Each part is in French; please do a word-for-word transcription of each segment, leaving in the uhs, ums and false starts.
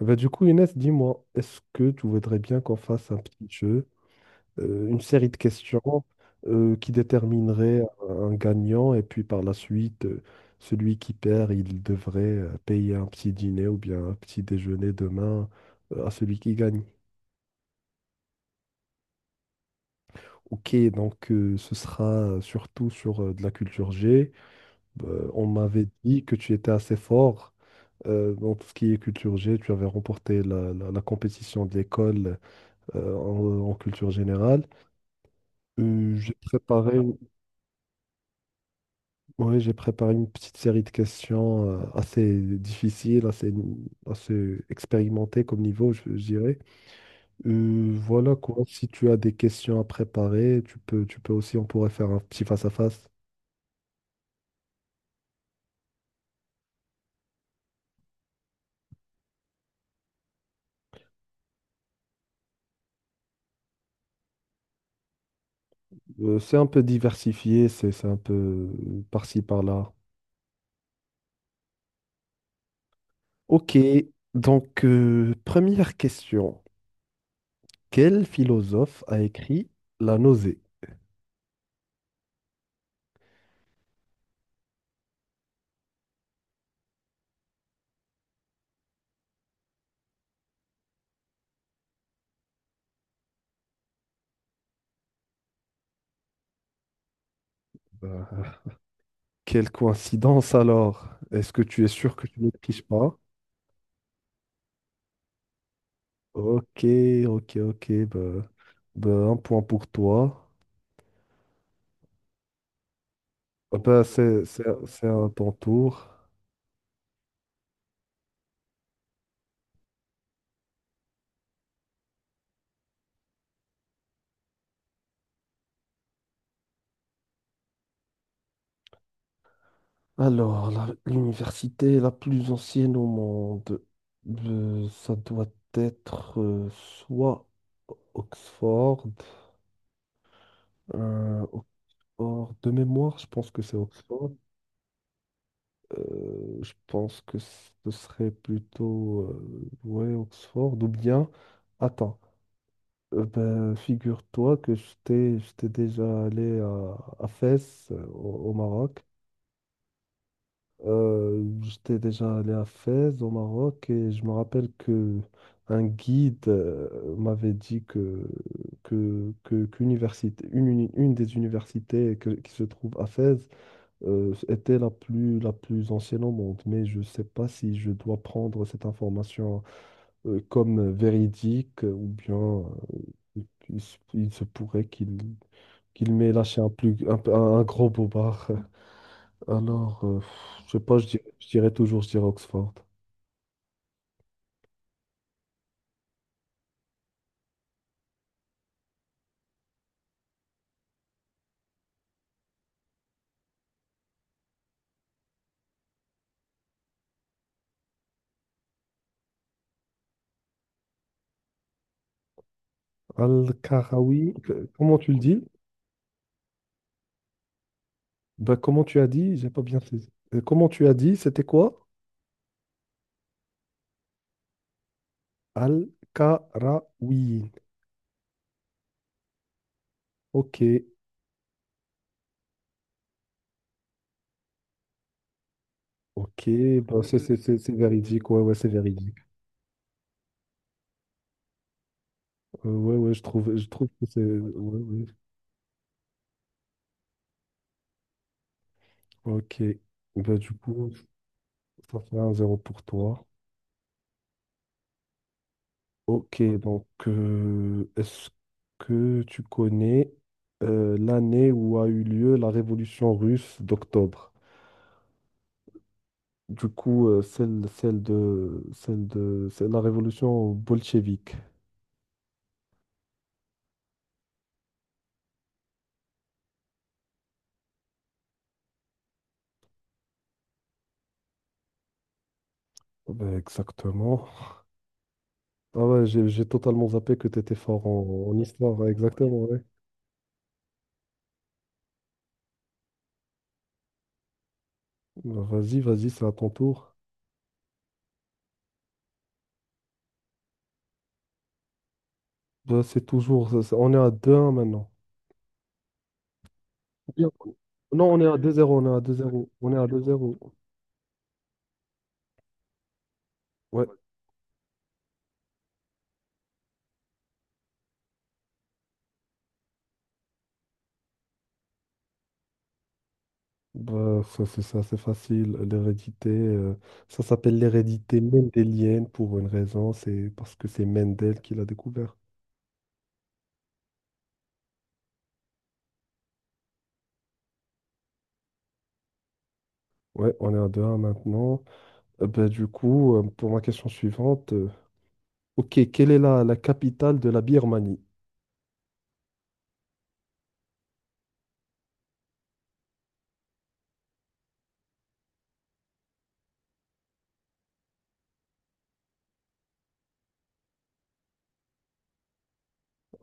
Bah, du coup, Inès, dis-moi, est-ce que tu voudrais bien qu'on fasse un petit jeu, euh, une série de questions euh, qui déterminerait un gagnant et puis par la suite, euh, celui qui perd, il devrait euh, payer un petit dîner ou bien un petit déjeuner demain euh, à celui qui gagne. Ok, donc euh, ce sera euh, surtout sur euh, de la culture G. Euh, on m'avait dit que tu étais assez fort euh, dans tout ce qui est culture G. Tu avais remporté la, la la compétition de l'école euh, en, en culture générale. Euh, j'ai préparé, ouais, j'ai préparé une petite série de questions euh, assez difficiles, assez, assez expérimentées comme niveau, je, je dirais. Euh, voilà quoi, si tu as des questions à préparer, tu peux, tu peux aussi, on pourrait faire un petit face-à-face. Euh, c'est un peu diversifié, c'est c'est un peu euh, par-ci, par-là. Ok, donc euh, première question. Quel philosophe a écrit La nausée? Bah, quelle coïncidence alors? Est-ce que tu es sûr que tu ne triches pas? Ok, ok, ok. Bah, bah, un point pour toi. Ah bah, c'est c'est- c'est à ton tour. Alors, la- l'université la plus ancienne au monde, Euh, ça doit être euh, soit Oxford, euh, Oxford de mémoire. Je pense que c'est Oxford. Euh, je pense que ce serait plutôt euh, ouais, Oxford ou bien. Attends. Euh, ben, figure-toi que j'étais j'étais déjà allé à, à Fès, euh, au, au Maroc. Euh, j'étais déjà allé à Fès, au Maroc, et je me rappelle que un guide euh, m'avait dit que, que, que- qu'université, une, uni- une des universités que- qui se trouve à Fès euh, était la plus, la plus ancienne au monde. Mais je ne sais pas si je dois prendre cette information euh, comme véridique, euh, ou bien euh, il, se il se pourrait qu'il qu'il m'ait lâché un, plus, un, peu- un- un gros bobard. Alors, euh, je sais pas, je dirais, je dirais toujours, je dirais Oxford. Al-Karawi, que- comment tu le dis? Bah, comment tu as dit? J'ai pas bien saisi. Euh, Comment tu as dit? C'était quoi? Al-Qarawiyyin. Ok, ok. Bah, c'est c'est- c'est- c'est véridique. Ouais, ouais, c'est véridique. Euh, ouais, ouais, je trouve, je trouve que c'est. Ouais, ouais. Ok. Bah, du coup, ça fait un zéro pour toi. Ok, donc, euh, est-ce que tu connais euh, l'année où a eu lieu la révolution russe d'octobre? Du coup, euh, celle, celle de, celle de, c'est la révolution bolchevique. Ben, exactement. Ah ouais, j'ai j'ai totalement zappé que tu étais fort en, en histoire. Ouais, exactement, ouais. Ben, Vas-y, vas-y, c'est à ton tour. Ben, c'est toujours. C'est- c'est- on est à deux un maintenant. Bien. Non, on est à deux-zéro, on est à deux-zéro, on est à deux-zéro. Ouais. Bah ça, c'est ça, c'est facile. L'hérédité, euh, ça s'appelle l'hérédité mendélienne pour une raison, c'est parce que c'est Mendel qui l'a découvert. Ouais, on est à deux un maintenant. Euh, ben, du coup, euh, pour ma question suivante, euh, ok, quelle est la, la capitale de la Birmanie?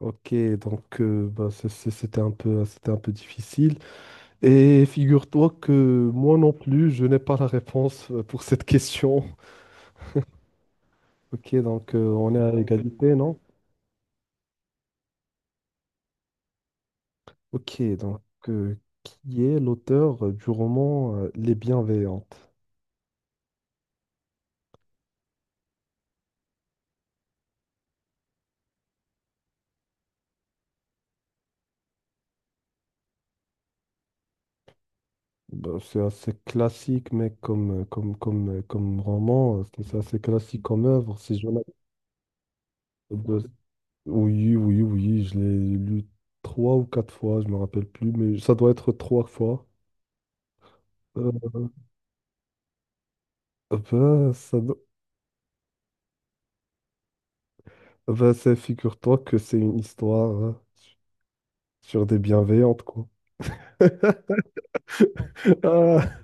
Ok, donc euh, bah, c'est- c'est- c'était un peu, c'était un peu difficile. Et figure-toi que moi non plus, je n'ai pas la réponse euh, pour cette question. Ok, donc euh, on est à égalité, non? Ok, donc euh, qui est l'auteur euh, du roman euh, Les Bienveillantes? Bah, c'est assez classique, mais comme, euh, comme, comme, euh, comme roman, euh, c'est c'est assez classique comme œuvre. C'est Jonathan Deuil. Oui, oui, oui, je l'ai lu trois ou quatre fois, je me rappelle plus, mais ça doit être trois fois. Euh, ben, ça, do- ben, ça figure-toi que c'est une histoire hein, sur des bienveillantes, quoi. Ah,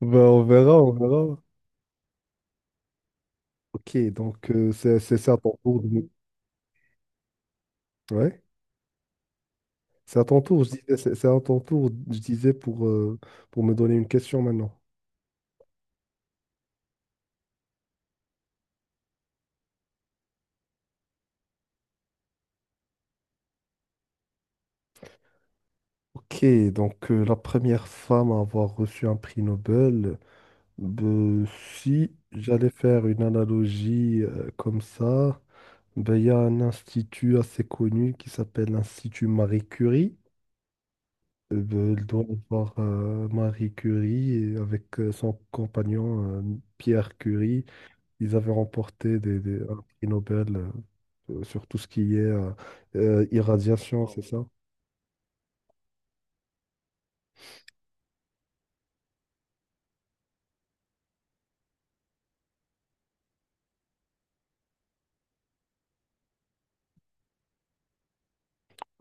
ben, on verra, on verra. Ok, donc euh, c'est c'est- c'est à ton tour. De Ouais, c'est à ton tour, je disais, c'est c'est à ton tour, je disais, pour, euh, pour me donner une question maintenant. Ok, donc euh, la première femme à avoir reçu un prix Nobel, ben, si j'allais faire une analogie euh, comme ça, ben, il y a un institut assez connu qui s'appelle l'Institut Marie Curie. Euh, ben, il doit y avoir euh, Marie Curie et avec euh, son compagnon euh, Pierre Curie. Ils avaient remporté des, des- un prix Nobel euh, euh, sur tout ce qui est euh, euh, irradiation, c'est ça?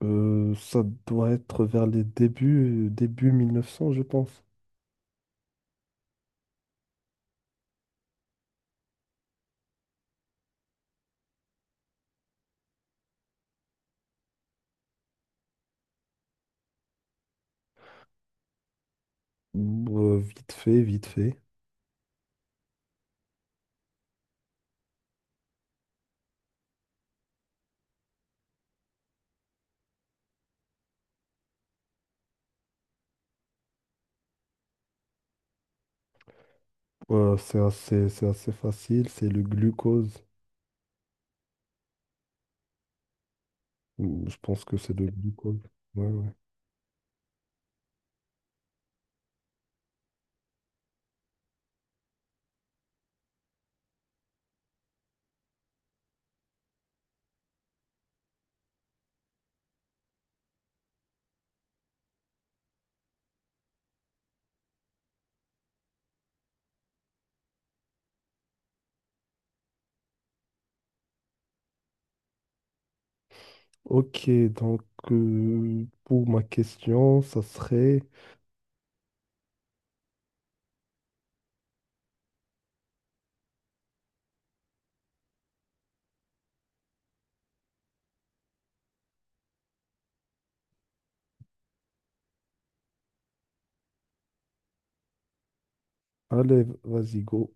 Euh, ça doit être vers les débuts, début dix-neuf cents, je pense. Bon, Euh, vite fait, vite fait. Euh, c'est assez, c'est assez facile, c'est le glucose. Hum, Je pense que c'est le glucose. Ouais, ouais. Ok, donc euh, pour ma question, ça serait... Allez, vas-y, go.